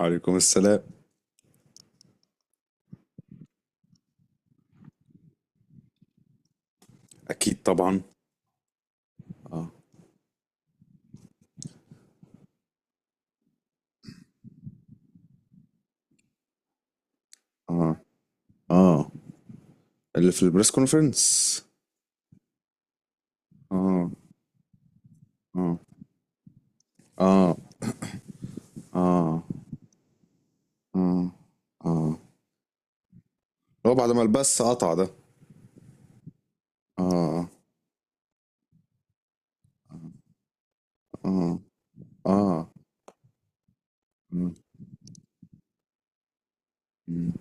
عليكم السلام. اكيد طبعا. اه. اه. اه. اللي في البريس كونفرنس. اه. اه. اه. اه. اه. اه. هو بعد ما البث قطع ده؟ اه. اه. اه. مم. مم.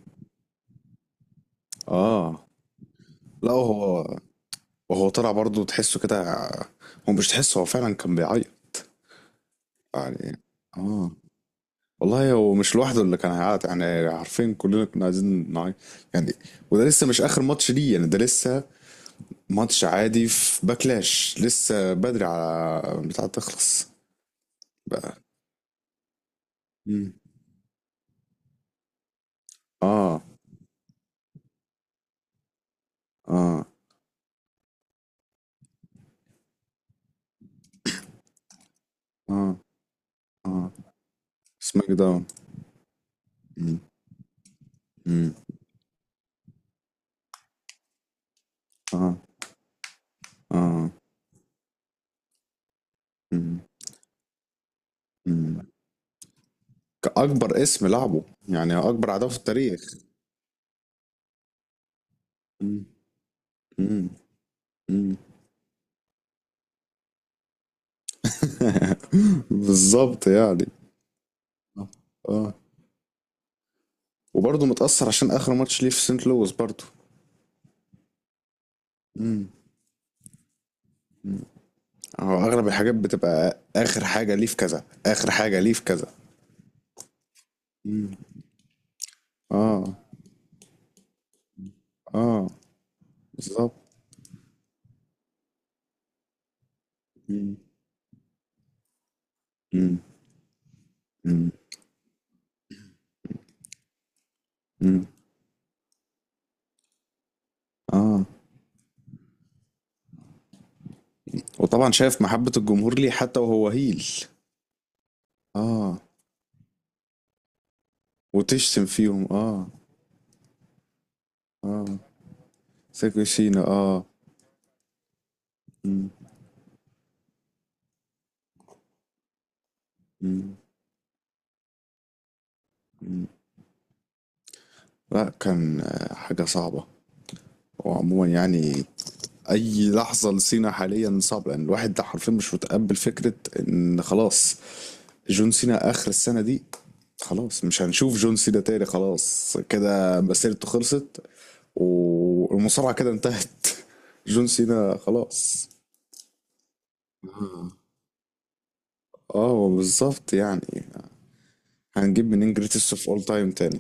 اه. لا هو. وهو طلع برضه تحسه كده. هو مش تحسه، هو فعلا كان بيعيط يعني. اه. والله هو مش لوحده اللي كان هيعيط يعني، عارفين كلنا كنا عايزين نعيط يعني. وده لسه مش اخر ماتش ليه يعني، ده لسه ماتش عادي في باكلاش، لسه بدري على بتاع تخلص بقى. مم. اه. اه. اه. اه. سماك داون. مم. مم. اه. اه. مم. مم. كأكبر اسم لعبه. يعني أكبر عداوة في التاريخ. مم. مم. مم. بالظبط يعني. اه. وبرضه متأثر عشان آخر ماتش ليه في سنت لويس برضه. مم. مم. هو أغلب الحاجات بتبقى آخر حاجة ليه في كذا، آخر حاجة ليه في كذا. مم. آه. آه. بالضبط. إمم. إمم. إمم. إمم. آه. وطبعًا شايف محبة الجمهور ليه حتى وهو heel. آه. وتشتم فيهم. آه. سيكو سينا. إمم. إمم. إمم. لأ كان حاجة صعبة. وعمومًا يعني أي لحظة لسينا حاليًا صعبة، لأن الواحد ده حرفيًا مش متقبّل فكرة إن خلاص جون سينا آخر السنة دي. خلاص مش هنشوف جون سينا تاني خلاص، كده مسيرته خلصت. والمصارعة كده انتهت. جون سينا خلاص. اه. هو بالظبط يعني. هنجيب منين جريتست اوف اول تايم تاني؟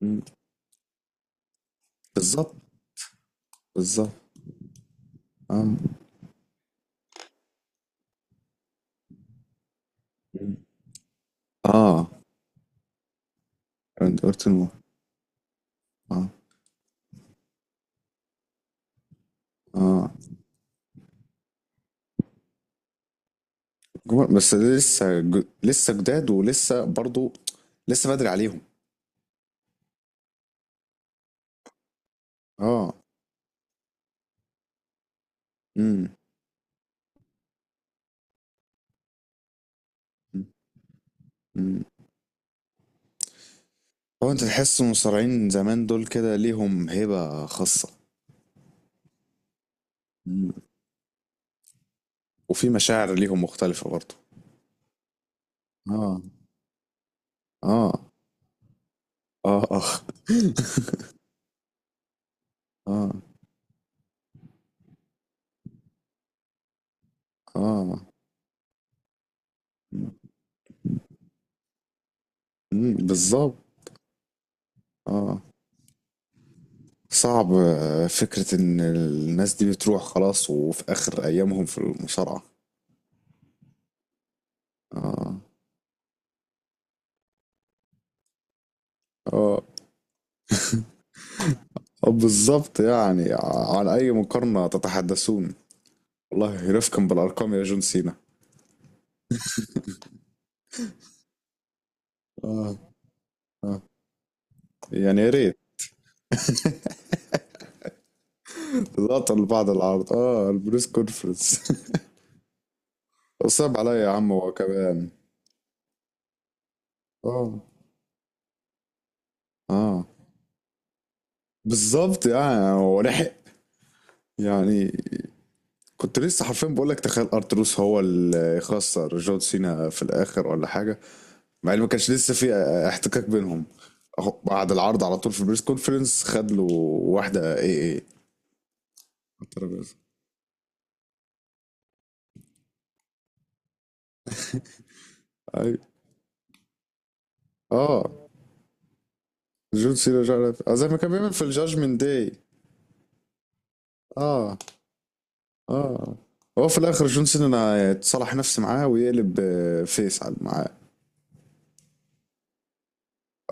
مم. بالظبط. بالظبط. اه. مم. اه. راندي اورتن. اه. اه. بس ده لسه لسه جداد ولسه برضو. لسه بدري عليهم. اه. امم. امم. هو انت تحس المصارعين زمان دول كده ليهم هيبة خاصة؟ مم. وفي مشاعر ليهم مختلفة برضو. اه. اه. اه. اه. اه. اه. بالظبط. اه. صعب، فكرة ان الناس دي بتروح خلاص، وفي اخر ايامهم في المصارعة. اه. اه. بالظبط يعني، عن اي مقارنة تتحدثون. والله رفقا بالارقام يا جون سينا. اه. اه. يعني يا ريت. لقطة لبعض العرض البريس كونفرنس. صعب عليا يا عم، هو كمان. اه. اه. بالظبط يعني، هو لحق. يعني كنت لسه حرفيا بقول لك تخيل ارتروس هو اللي يخسر جون سينا في الاخر ولا حاجه. مع ان ما كانش لسه في احتكاك بينهم. أهو بعد العرض على طول في البريس كونفرنس خد له واحده اي على الترابيزه. اي. اه. جون سينا مش عارف، زي ما كان بيعمل في الجاجمنت داي. اه. اه. هو في الاخر جون سينا يتصالح نفسي معاه ويقلب، فيس على معاه.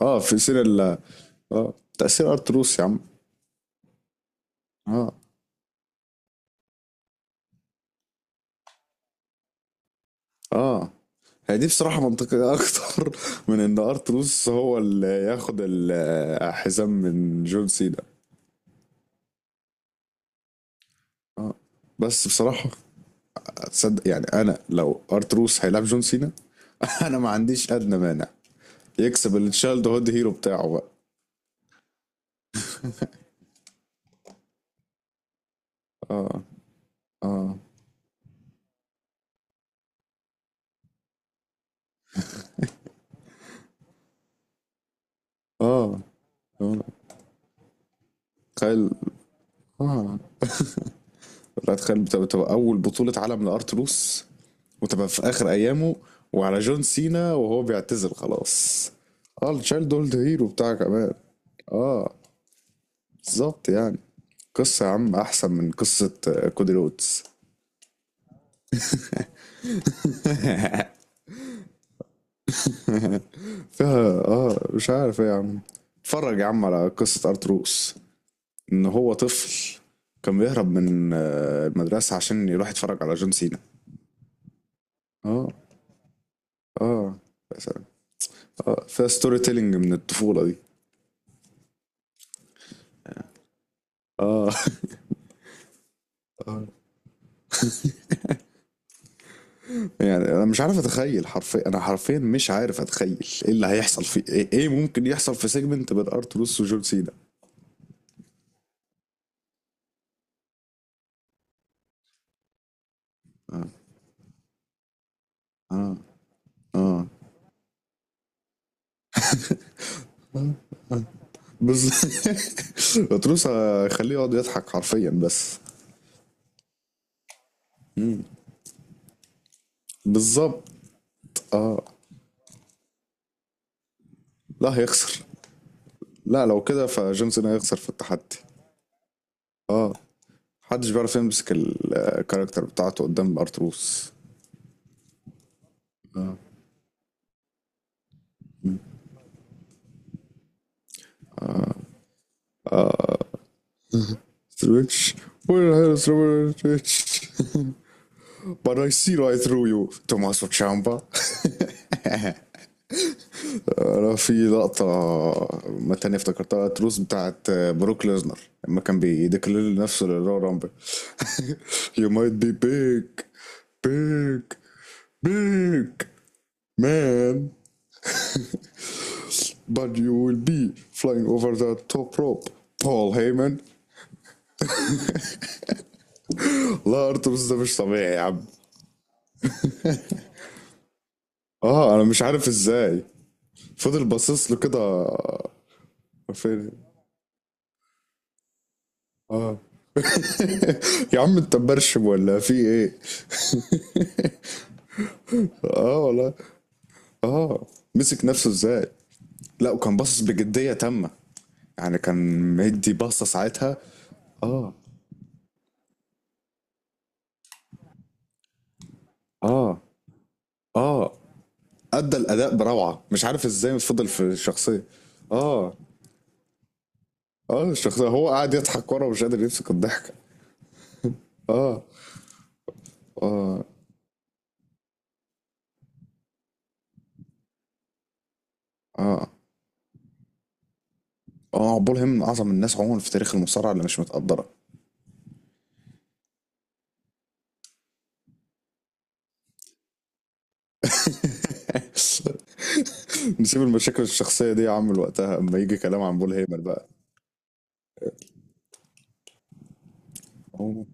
اه في سينا اه تاثير ارتروس يا عم. اه. اه. هي دي بصراحة منطقية أكتر من إن أرتلوس هو اللي ياخد الحزام من جون سينا. آه. بس بصراحة تصدق يعني أنا لو أرتلوس هيلعب جون سينا أنا ما عنديش أدنى مانع. يكسب التشايلد هود هيرو بتاعه بقى. آه. آه. آه. تخيل. آه. لا تخيل، بتبقى أول بطولة عالم لأرتروس. وتبقى في آخر أيامه. وعلى جون سينا وهو بيعتزل خلاص. اه التشايلد هولد هيرو بتاعك كمان. اه بالظبط يعني. قصة يا عم أحسن من قصة، كودي رودز. فيها مش عارف ايه يا عم. اتفرج يا عم على قصة أرتروس. إن هو طفل كان بيهرب من المدرسة عشان يروح يتفرج على جون سينا. اه. اه. يا سلام. اه فيها ستوري تيلينج من الطفولة دي. اه. يعني انا مش عارف اتخيل حرفيا، انا حرفيا مش عارف اتخيل ايه اللي هيحصل إيه ممكن يحصل في سيجمنت بين ارتروس وجون سينا. اه. اه. اه. بس. ارتروس هيخليه يقعد يضحك حرفيا بس. بالظبط. اه. لا هيخسر. لا لو كده فجون سينا هيخسر في التحدي. اه. محدش بيعرف يمسك الكاركتر بتاعته قدام ارتروس. اه سويتش. وير هيز روبرت سويتش. But I see right through you, Tommaso Ciampa. انا في لقطة ما تانية افتكرتها تروس بتاعت بروك ليزنر لما كان بيديكلير نفسه للرو رامبل. You might be big big big man, but you will be flying over the top rope, Paul Heyman. لا ارتبس ده مش طبيعي يا عم. اه انا مش عارف ازاي فضل باصص له كده. فين. يا عم انت مبرشم ولا في ايه؟ اه والله. اه. مسك نفسه ازاي. لا وكان باصص بجدية تامة. يعني كان مدي باصة ساعتها. اه. اه. اه. ادى الاداء بروعة، مش عارف ازاي فضل في الشخصية. اه. اه الشخصية، هو قاعد يضحك ورا ومش قادر يمسك الضحك. اه. اه. اه. اه عبول هيم من اعظم الناس عموما في تاريخ المصارعة اللي مش متقدرة. نسيب المشاكل الشخصية دي يا عم لوقتها اما يجي كلام عن بول هيمر بقى.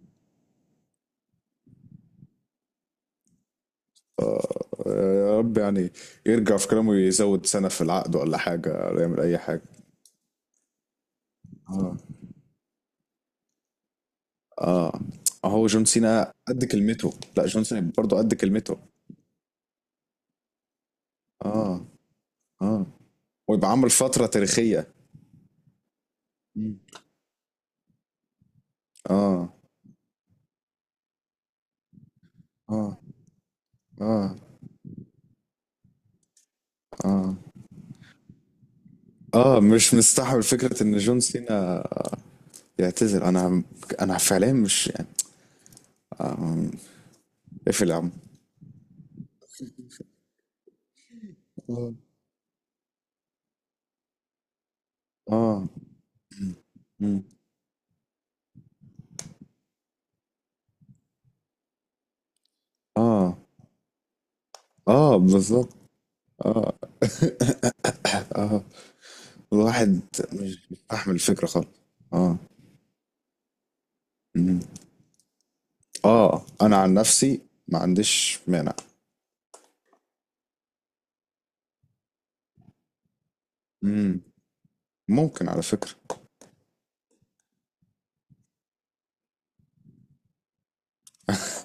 آه، يا رب يعني يرجع في كلامه، يزود سنة في العقد، ولا حاجة ولا يعمل أي حاجة. اه. اه. هو جون سينا قد كلمته. لا جون سينا برضه قد كلمته. اه. اه. ويبقى عمل فترة تاريخية. مم. اه. اه. اه. اه. اه. مش مستحمل فكرة ان جون سينا يعتزل. انا فعليا مش يعني. اقفل يا عم. آه. اه. مم. اه. اه. بالظبط. اه. آه. الواحد مش بيستحمل الفكرة خالص. اه. مم. اه انا عن نفسي ما عنديش مانع. مم. ممكن على فكرة.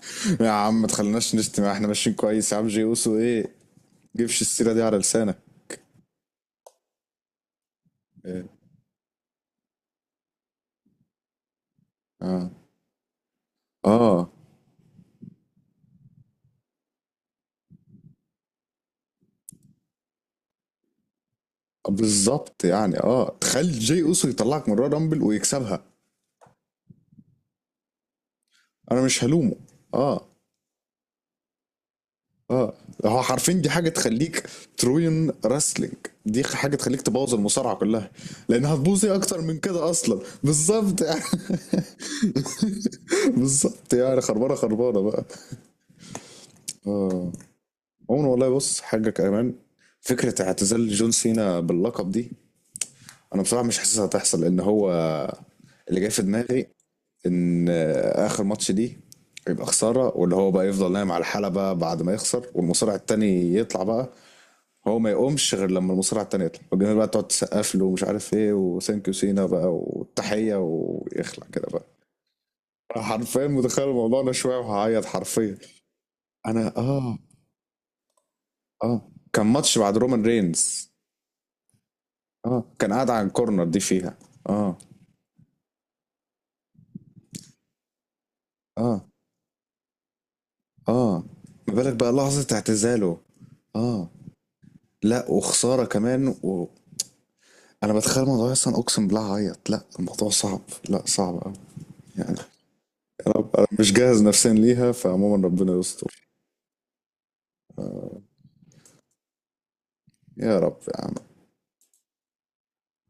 يا عم ما تخليناش نشتم، احنا ماشيين كويس يا عم. جيوسو ايه، جيبش السيرة دي على لسانك. إيه؟ اه. اه. بالظبط يعني، تخيل جي اوسو يطلعك من رامبل ويكسبها. انا مش هلومه. اه. اه. هو حرفيا دي حاجه تخليك تروين راسلينج. دي حاجه تخليك تبوظ المصارعه كلها. لانها هتبوظ ايه اكتر من كده اصلا، بالظبط يعني. بالظبط يعني خربانه خربانه بقى. اه. عموما والله بص حاجه كمان، فكره اعتزال جون سينا باللقب دي، انا بصراحه مش حاسسها هتحصل لان هو اللي جاي في دماغي ان اخر ماتش دي يبقى خساره، واللي هو بقى يفضل نايم على الحلبه بعد ما يخسر والمصارع التاني يطلع بقى. هو ما يقومش غير لما المصارعة التانية تطلع والجماهير بقى تقعد تسقف له ومش عارف ايه وثانك يو سينا بقى والتحية ويخلع كده بقى. أنا حرفيا متخيل الموضوع ده شوية وهعيط حرفيا. أنا آه. آه. كان ماتش بعد رومان رينز. آه كان قاعد على الكورنر دي فيها. آه. آه. آه. ما بالك بقى لحظة اعتزاله. آه. لا وخسارة كمان. أنا بتخيل الموضوع أصلا أقسم بالله هعيط، لا الموضوع صعب. لا صعب أوي. يعني أنا مش جاهز نفسيا ليها، فعموما ربنا يستر. يا رب يا عم.